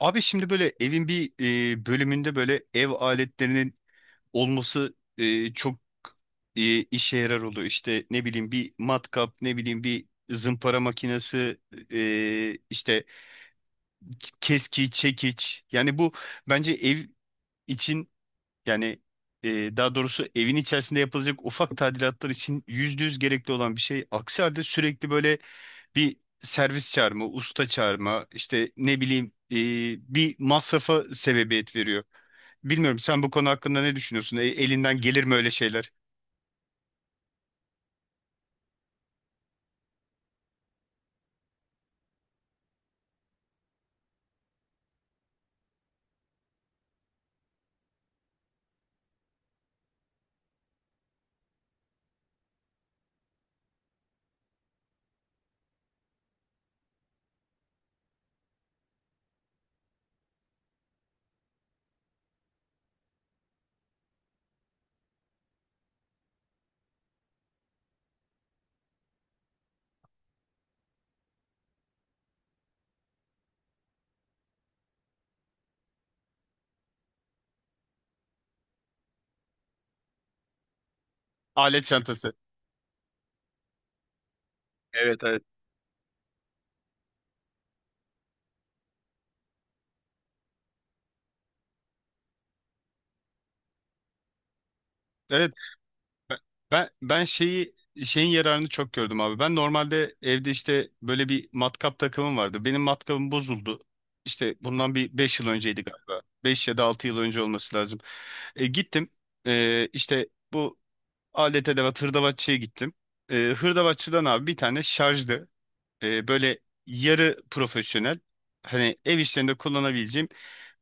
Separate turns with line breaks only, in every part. Abi şimdi böyle evin bir bölümünde böyle ev aletlerinin olması çok işe yarar oluyor. İşte ne bileyim bir matkap, ne bileyim bir zımpara makinesi, işte keski, çekiç. Yani bu bence ev için yani e, daha doğrusu evin içerisinde yapılacak ufak tadilatlar için %100 gerekli olan bir şey. Aksi halde sürekli böyle bir servis çağırma, usta çağırma, işte ne bileyim bir masrafa sebebiyet veriyor. Bilmiyorum, sen bu konu hakkında ne düşünüyorsun? Elinden gelir mi öyle şeyler? Alet çantası. Evet, evet. Evet, ben ben şeyin yararını çok gördüm abi. Ben normalde evde işte böyle bir matkap takımım vardı. Benim matkabım bozuldu. İşte bundan bir 5 yıl önceydi galiba. 5 ya da 6 yıl önce olması lazım. E, gittim E, işte bu alet edevat hırdavatçıya gittim. Hırdavatçıdan abi bir tane şarjlı böyle yarı profesyonel, hani ev işlerinde kullanabileceğim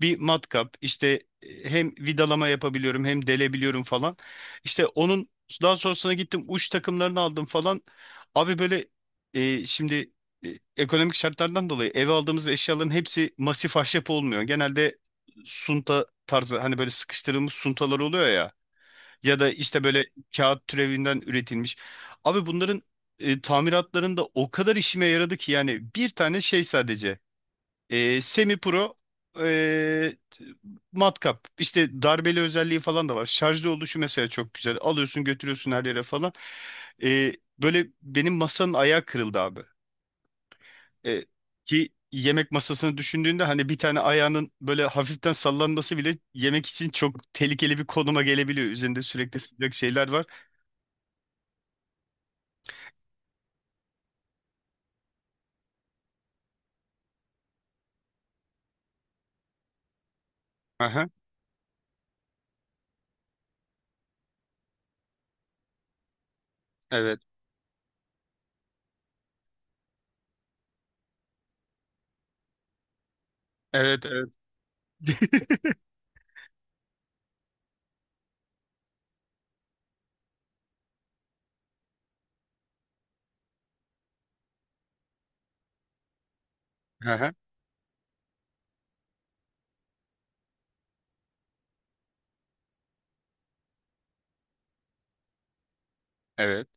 bir matkap. İşte hem vidalama yapabiliyorum hem delebiliyorum falan. İşte onun daha sonrasına gittim, uç takımlarını aldım falan. Abi böyle şimdi ekonomik şartlardan dolayı eve aldığımız eşyaların hepsi masif ahşap olmuyor. Genelde sunta tarzı, hani böyle sıkıştırılmış suntalar oluyor ya. Ya da işte böyle kağıt türevinden üretilmiş. Abi bunların tamiratlarında o kadar işime yaradı ki yani bir tane şey sadece semi pro e, t- matkap, işte darbeli özelliği falan da var. Şarjlı oluşu mesela çok güzel. Alıyorsun götürüyorsun her yere falan. E, böyle benim masanın ayağı kırıldı abi. E, ki yemek masasını düşündüğünde, hani bir tane ayağının böyle hafiften sallanması bile yemek için çok tehlikeli bir konuma gelebiliyor. Üzerinde sürekli sıcak şeyler var. Aha, evet. Evet, evet. Aha, evet.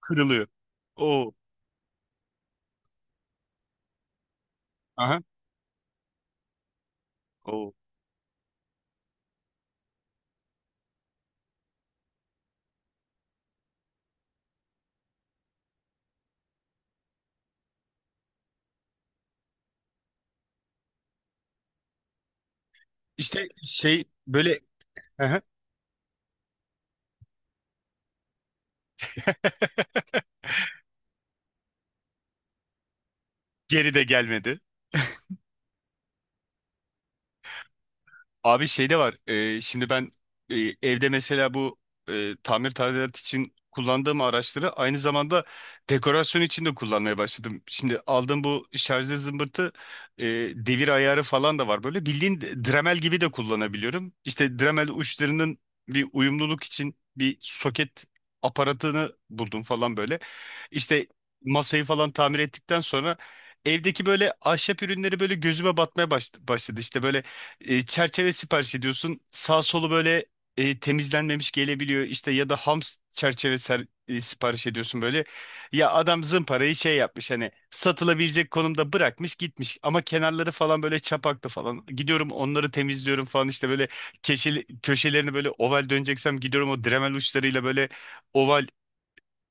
Kırılıyor. Oo. Aha. Oo. İşte şey böyle, aha. Geri de gelmedi. Abi şey de var. Şimdi ben e, evde mesela bu tamir tadilat için kullandığım araçları aynı zamanda dekorasyon için de kullanmaya başladım. Şimdi aldığım bu şarjlı zımbırtı, e, devir ayarı falan da var. Böyle bildiğin Dremel gibi de kullanabiliyorum. İşte Dremel uçlarının bir uyumluluk için bir soket aparatını buldum falan böyle. İşte masayı falan tamir ettikten sonra evdeki böyle ahşap ürünleri böyle gözüme batmaya başladı. İşte böyle çerçeve sipariş ediyorsun. Sağ solu böyle temizlenmemiş gelebiliyor. İşte ya da ham çerçeve sipariş ediyorsun böyle. Ya adam zımparayı şey yapmış, hani satılabilecek konumda bırakmış gitmiş. Ama kenarları falan böyle çapaklı falan. Gidiyorum onları temizliyorum falan, işte böyle keşeli, köşelerini böyle oval döneceksem gidiyorum o Dremel uçlarıyla böyle oval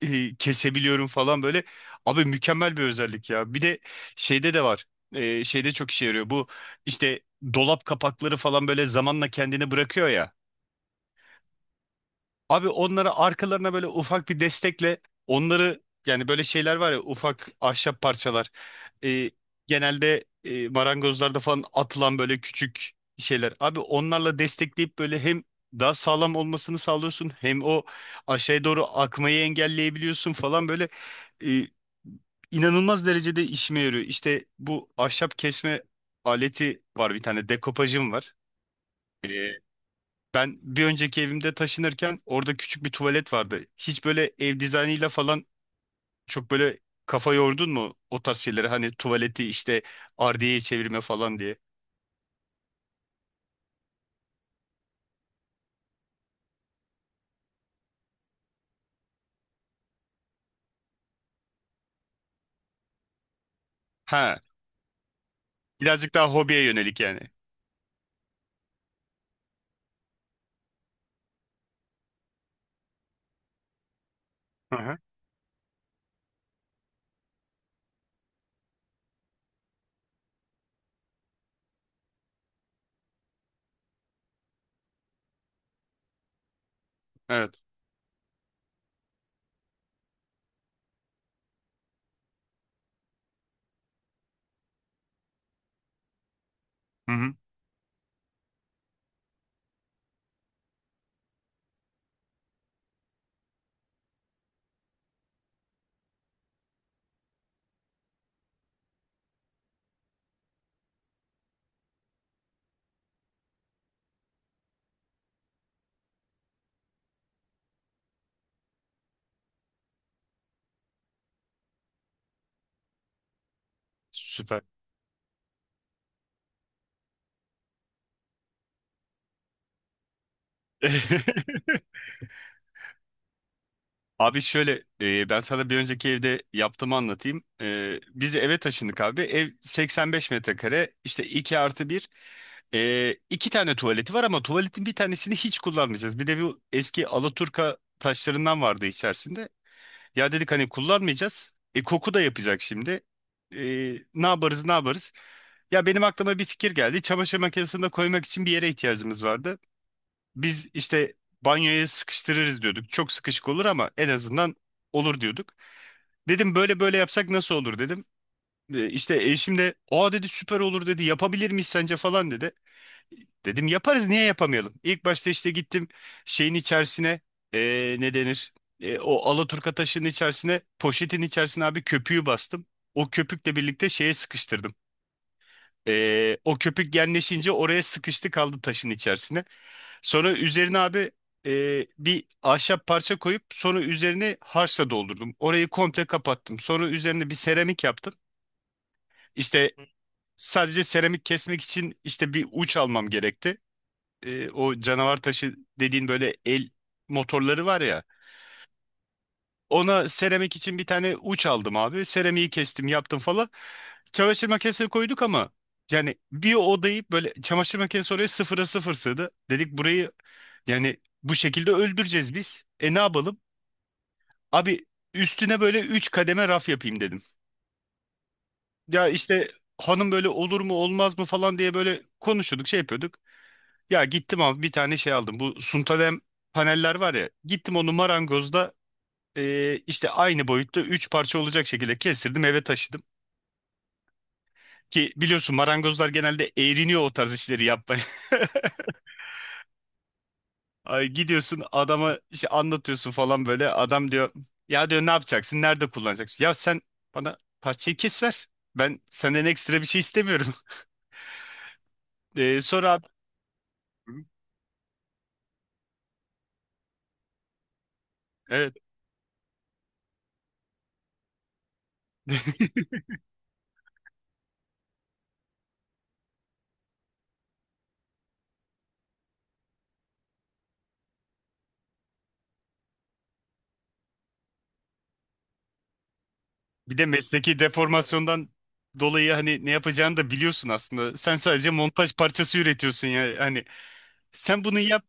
kesebiliyorum falan böyle. Abi mükemmel bir özellik ya. Bir de şeyde de var. Şeyde çok işe yarıyor. Bu işte dolap kapakları falan böyle zamanla kendini bırakıyor ya. Abi onları arkalarına böyle ufak bir destekle, onları yani böyle şeyler var ya, ufak ahşap parçalar. Ee, genelde marangozlarda falan atılan böyle küçük şeyler. Abi onlarla destekleyip böyle hem daha sağlam olmasını sağlıyorsun hem o aşağıya doğru akmayı engelleyebiliyorsun falan böyle, e, inanılmaz derecede işime yarıyor. İşte bu ahşap kesme aleti var, bir tane dekopajım var. Ben bir önceki evimde taşınırken orada küçük bir tuvalet vardı. Hiç böyle ev dizaynıyla falan çok böyle kafa yordun mu o tarz şeylere? Hani tuvaleti işte ardiyeye çevirme falan diye. Ha, birazcık daha hobiye yönelik yani. Hı hı. Evet. Hı hı. Süper. Abi şöyle ben sana bir önceki evde yaptığımı anlatayım. Biz eve taşındık abi. Ev 85 metrekare, işte 2+1. E, iki tane tuvaleti var ama tuvaletin bir tanesini hiç kullanmayacağız. Bir de bu eski Alaturka taşlarından vardı içerisinde. Ya dedik hani kullanmayacağız. Koku da yapacak şimdi. E, ne yaparız ne yaparız? Ya benim aklıma bir fikir geldi. Çamaşır makinesini de koymak için bir yere ihtiyacımız vardı. Biz işte banyoya sıkıştırırız diyorduk. Çok sıkışık olur ama en azından olur diyorduk. Dedim böyle böyle yapsak nasıl olur dedim. İşte eşim de, aa dedi, süper olur dedi, yapabilir miyiz sence falan dedi. Dedim yaparız, niye yapamayalım? İlk başta işte gittim şeyin içerisine, ne denir, o alaturka taşının içerisine, poşetin içerisine abi köpüğü bastım. O köpükle birlikte şeye sıkıştırdım. O köpük genleşince oraya sıkıştı kaldı, taşın içerisine. Sonra üzerine abi bir ahşap parça koyup sonra üzerine harçla doldurdum. Orayı komple kapattım. Sonra üzerine bir seramik yaptım. İşte sadece seramik kesmek için işte bir uç almam gerekti. O canavar taşı dediğin böyle el motorları var ya. Ona seramik için bir tane uç aldım abi. Seramiği kestim, yaptım falan. Çamaşır makinesine koyduk ama yani bir odayı böyle, çamaşır makinesi oraya sıfıra sıfır sığdı. Dedik burayı, yani bu şekilde öldüreceğiz biz. Ne yapalım? Abi üstüne böyle 3 kademe raf yapayım dedim. Ya işte hanım böyle olur mu olmaz mı falan diye böyle konuşuyorduk, şey yapıyorduk. Ya gittim abi bir tane şey aldım. Bu suntalem paneller var ya. Gittim onu marangozda işte aynı boyutta 3 parça olacak şekilde kestirdim, eve taşıdım. Ki biliyorsun marangozlar genelde eğriniyor o tarz işleri yapmaya. Ay, gidiyorsun adama işte anlatıyorsun falan böyle. Adam diyor, ya diyor, ne yapacaksın? Nerede kullanacaksın? Ya sen bana parçayı kes ver. Ben senden ekstra bir şey istemiyorum. Sonra abi, evet. Bir de mesleki deformasyondan dolayı hani ne yapacağını da biliyorsun aslında. Sen sadece montaj parçası üretiyorsun ya. Hani sen bunu yap.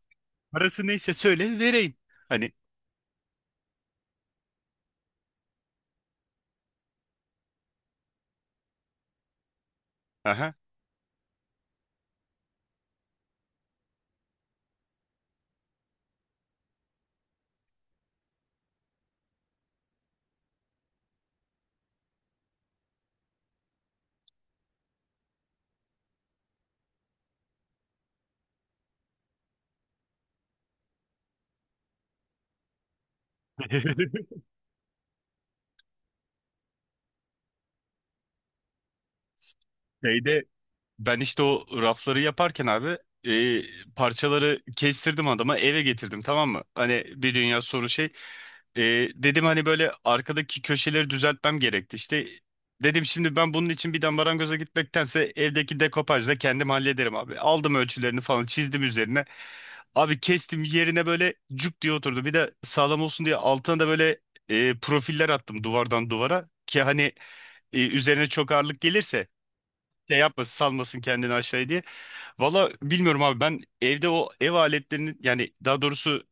Parası neyse söyle vereyim. Hani, aha. Şeyde. Ben işte o rafları yaparken abi e, parçaları kestirdim adama, eve getirdim, tamam mı? Hani bir dünya soru şey. E, dedim hani böyle arkadaki köşeleri düzeltmem gerekti. İşte dedim şimdi ben bunun için bir de marangoza gitmektense evdeki dekopajla kendim hallederim abi. Aldım ölçülerini falan, çizdim üzerine. Abi kestim, yerine böyle cuk diye oturdu. Bir de sağlam olsun diye altına da böyle profiller attım duvardan duvara. Ki hani üzerine çok ağırlık gelirse şey yapmasın, salmasın kendini aşağıya diye. Valla bilmiyorum abi, ben evde o ev aletlerinin, yani daha doğrusu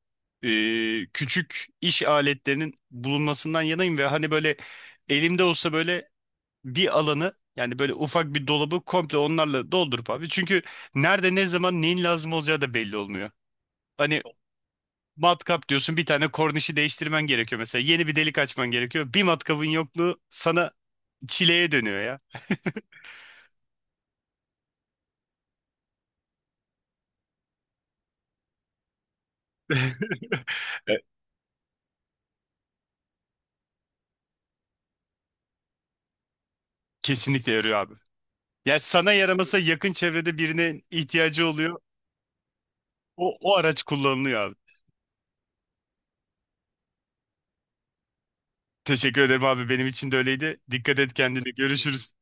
e, küçük iş aletlerinin bulunmasından yanayım ve hani böyle elimde olsa böyle bir alanı, yani böyle ufak bir dolabı komple onlarla doldurup abi. Çünkü nerede, ne zaman, neyin lazım olacağı da belli olmuyor. Hani matkap diyorsun, bir tane kornişi değiştirmen gerekiyor mesela. Yeni bir delik açman gerekiyor. Bir matkabın yokluğu sana çileye dönüyor ya. Evet. Kesinlikle yarıyor abi. Ya sana yaramasa yakın çevrede birine ihtiyacı oluyor. O araç kullanılıyor abi. Teşekkür ederim abi. Benim için de öyleydi. Dikkat et kendine. Görüşürüz.